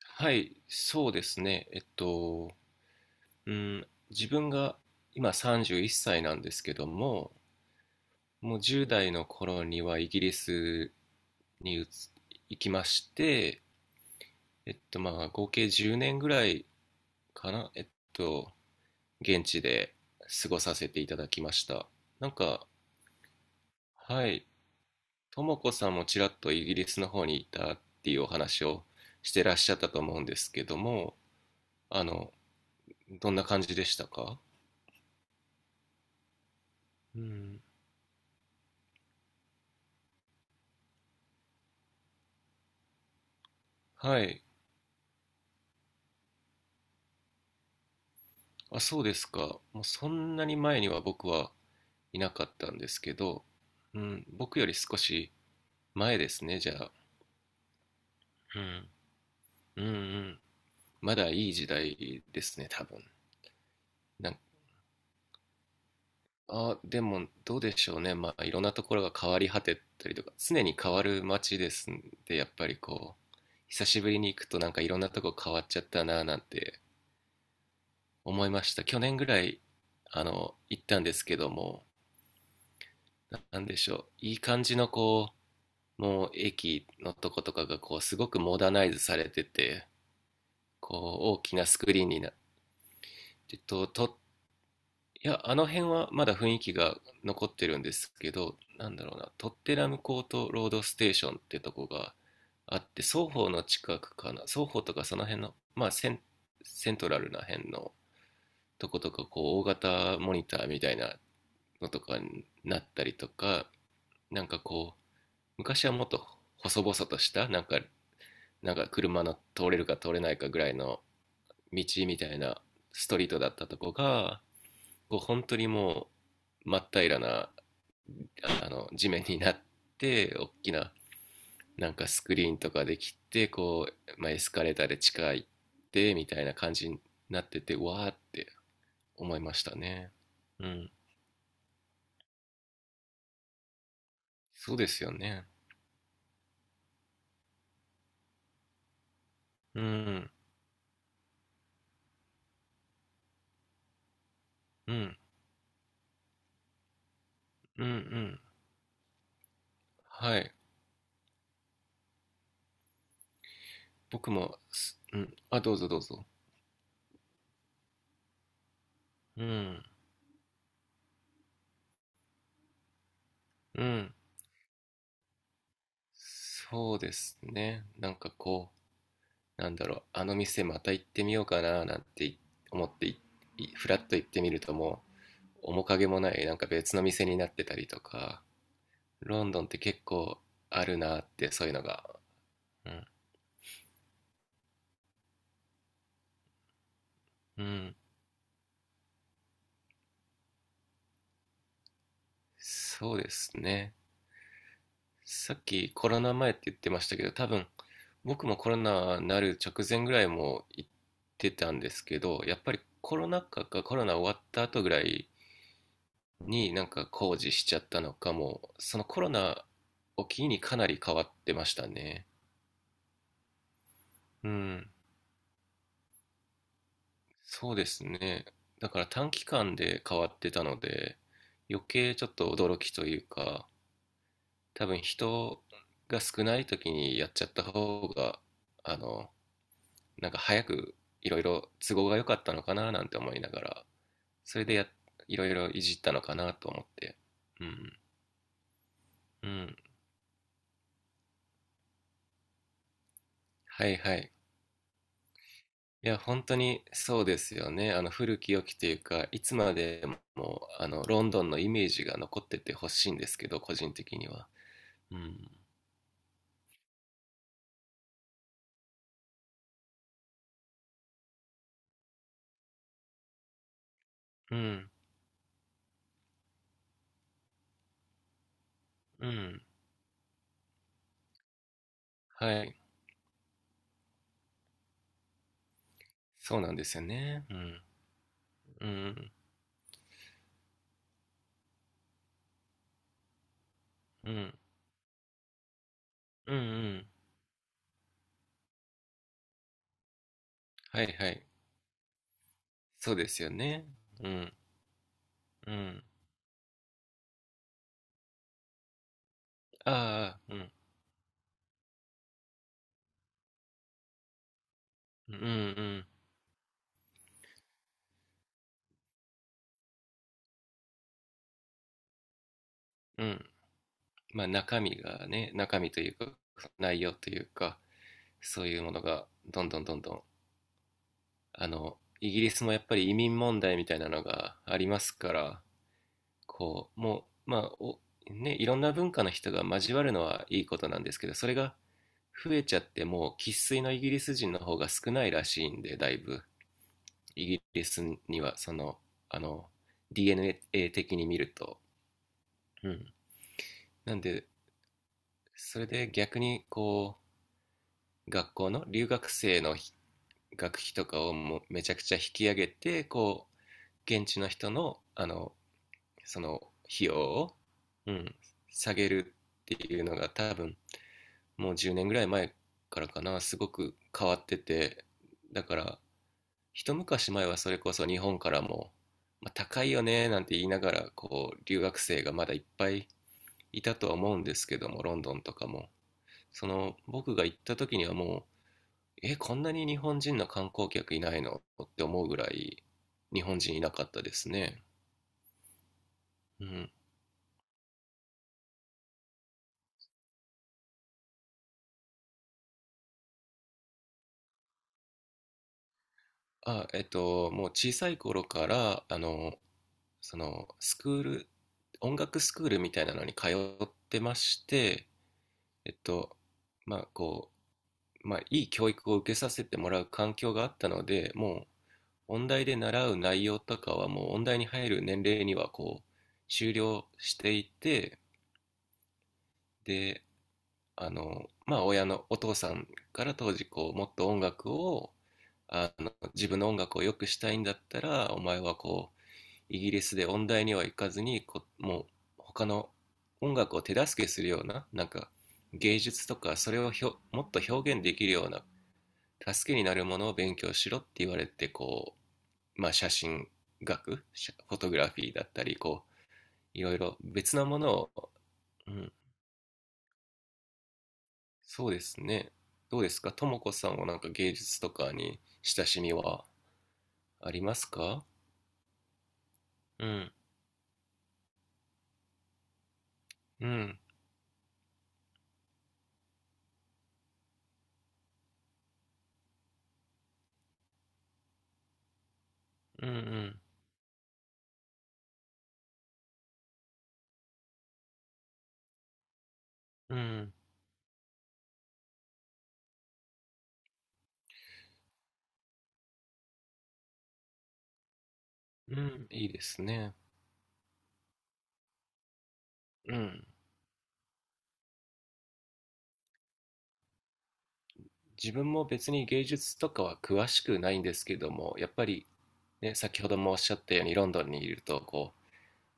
はい、そうですね。うん、自分が今31歳なんですけども、もう10代の頃にはイギリスに行きまして、合計10年ぐらいかな、と、現地で過ごさせていただきました。なんか、はい、ともこさんもちらっとイギリスの方にいたっていうお話をしてらっしゃったと思うんですけども、あの、どんな感じでしたか？うん。はい。あ、そうですか。もうそんなに前には僕はいなかったんですけど、うん、僕より少し前ですね、じゃあ。うん、うん、うん。まだいい時代ですね、多分。なんあ、でもどうでしょうね。いろんなところが変わり果てたりとか、常に変わる街ですんで、やっぱり久しぶりに行くとなんかいろんなとこ変わっちゃったな、なんて思いました。去年ぐらい、行ったんですけども、なんでしょう。いい感じのもう駅のとことかがすごくモダナイズされてて、大きなスクリーンになっていや、あの辺はまだ雰囲気が残ってるんですけど、なんだろうな、トッテナムコートロードステーションってとこがあって、双方の近くかな、双方とかその辺のセントラルな辺のとことか、大型モニターみたいなのとかになったりとか、なんかこう昔はもっと細々とした、なんか、なんか車の通れるか通れないかぐらいの道みたいなストリートだったとこが、本当にもう真っ平らな、あの地面になって、大きななんかスクリーンとかできて、エスカレーターで地下行ってみたいな感じになってて、わーって思いましたね。うん、そうですよね。うん、うん、うん、うん。はい。僕も。うん。あ、どうぞどうぞ。うん。うん、そうですね。なんか、なんだろう、あの店また行ってみようかななんて、ふらっと行ってみるともう、面影もない、なんか別の店になってたりとか、ロンドンって結構あるなって、そういうのが。うん。うん。そうですね。さっきコロナ前って言ってましたけど、多分僕もコロナになる直前ぐらいも行ってたんですけど、やっぱりコロナ禍かコロナ終わった後ぐらいに、なんか工事しちゃったのかも、そのコロナを機にかなり変わってましたね。うん、そうですね。だから短期間で変わってたので、余計ちょっと驚きというか、多分人が少ない時にやっちゃった方が、あの、なんか早くいろいろ都合が良かったのかな、なんて思いながら、それでや、いろいろいじったのかなと思って。うん、うん、はいはい。いや、本当にそうですよね。あの古き良きというか、いつまでもあのロンドンのイメージが残っててほしいんですけど、個人的には。うん。うん。うん。はい。そうなんですよね。うん。うん。うん。うん。うん。はいはい。そうですよね。うん。うん。ああ、うん。うん。うん。うん。まあ中身がね、中身というか、内容というか、そういうものがどんどんどんどん、イギリスもやっぱり移民問題みたいなのがありますから、こう、もう、まあ、お、ね、いろんな文化の人が交わるのはいいことなんですけど、それが増えちゃってもう生粋のイギリス人の方が少ないらしいんで、だいぶ。イギリスには、あの、DNA 的に見ると。うん。なんで、それで逆に学校の留学生の学費とかをもうめちゃくちゃ引き上げて、現地の人の、その費用を、うん、下げるっていうのが多分もう10年ぐらい前からかな、すごく変わってて、だから一昔前はそれこそ日本からも、高いよねなんて言いながら留学生がまだいっぱいいたとは思うんですけども、ロンドンとかも、その僕が行った時にはもう、え、こんなに日本人の観光客いないのって思うぐらい日本人いなかったですね。うん、あ、もう小さい頃から、スクール、音楽スクールみたいなのに通ってまして、えっと、まあ、こいい教育を受けさせてもらう環境があったので、もう、音大で習う内容とかは、もう、音大に入る年齢には、終了していて、で、お父さんから当時、もっと音楽を、自分の音楽を良くしたいんだったら、お前はイギリスで音大には行かずにもう他の音楽を手助けするようななんか芸術とか、それをもっと表現できるような助けになるものを勉強しろって言われて、写真学写フォトグラフィーだったり、いろいろ別なものを、うん、そうですね。どうですか、ともこさんはなんか芸術とかに親しみはありますか？うん、うん、うん、うん、うん、うん。いいですね。うん。自分も別に芸術とかは詳しくないんですけども、やっぱりね、先ほどもおっしゃったようにロンドンにいると、こ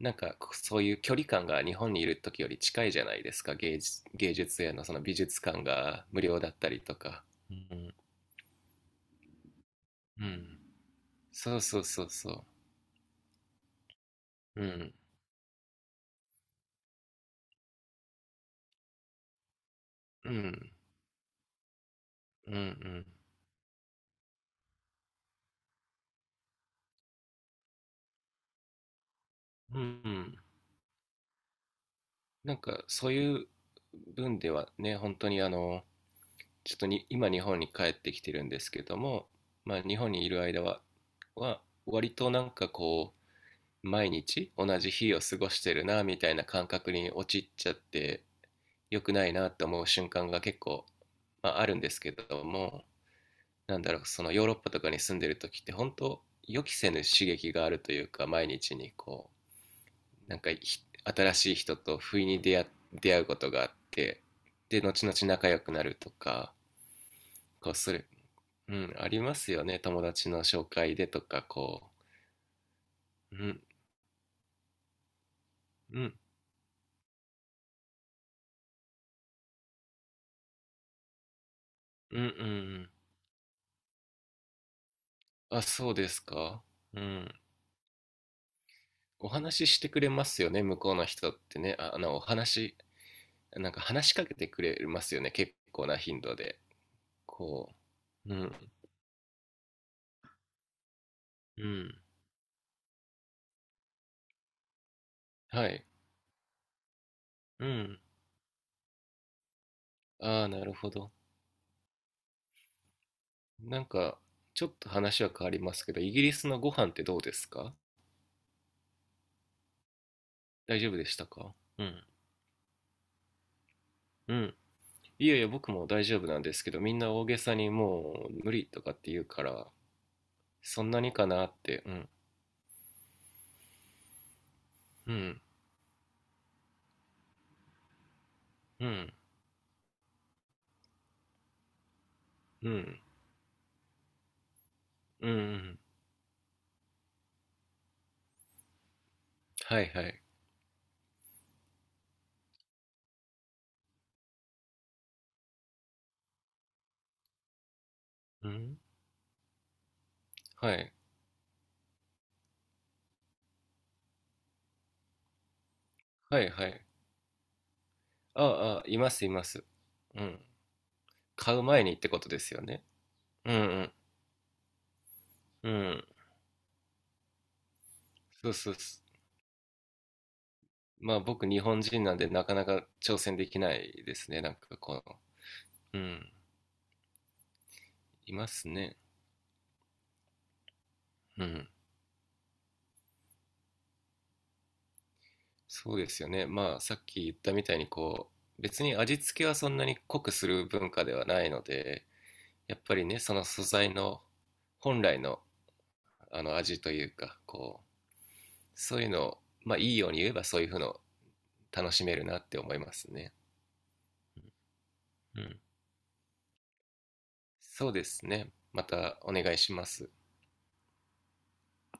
う、なんかそういう距離感が日本にいる時より近いじゃないですか、芸術、芸術へのその美術館が無料だったりとか。うん、うん、そうそうそうそう。うん、うん、うん、うん、うん、うん。なんかそういう分ではね、本当にちょっとに今日本に帰ってきてるんですけども、まあ、日本にいる間は割となんか毎日同じ日を過ごしてるな、みたいな感覚に陥っちゃって、良くないなって思う瞬間が結構、あるんですけども、なんだろう、そのヨーロッパとかに住んでる時って本当、予期せぬ刺激があるというか、毎日になんか新しい人と不意に出会うことがあって、で後々仲良くなるとか、こうするうん、ありますよね。友達の紹介でとか、こう。うん、うん、うん、うんうんうんうん。あ、そうですか。うん。お話ししてくれますよね、向こうの人ってね。あ、なんか話しかけてくれますよね、結構な頻度で。こう。うん、うん。はい。うん。ああ、なるほど。なんか、ちょっと話は変わりますけど、イギリスのご飯ってどうですか？大丈夫でしたか、うん。うん。いやいや、僕も大丈夫なんですけど、みんな大げさにもう無理とかって言うから、そんなにかなって、うん、うん、うん、うん、うん、うん、はいはい、うん、はい、はいはい、ああ、いますいます。うん、買う前にってことですよね。うん、うん、うん、そうそうそう。まあ僕日本人なんでなかなか挑戦できないですね、なんかこの、うん、いますね。うん。そうですよね。まあ、さっき言ったみたいに、別に味付けはそんなに濃くする文化ではないので、やっぱりね、その素材の本来の、味というか、そういうのを、まあ、いいように言えばそういうふうの楽しめるなって思いますね。うん。そうですね。またお願いします。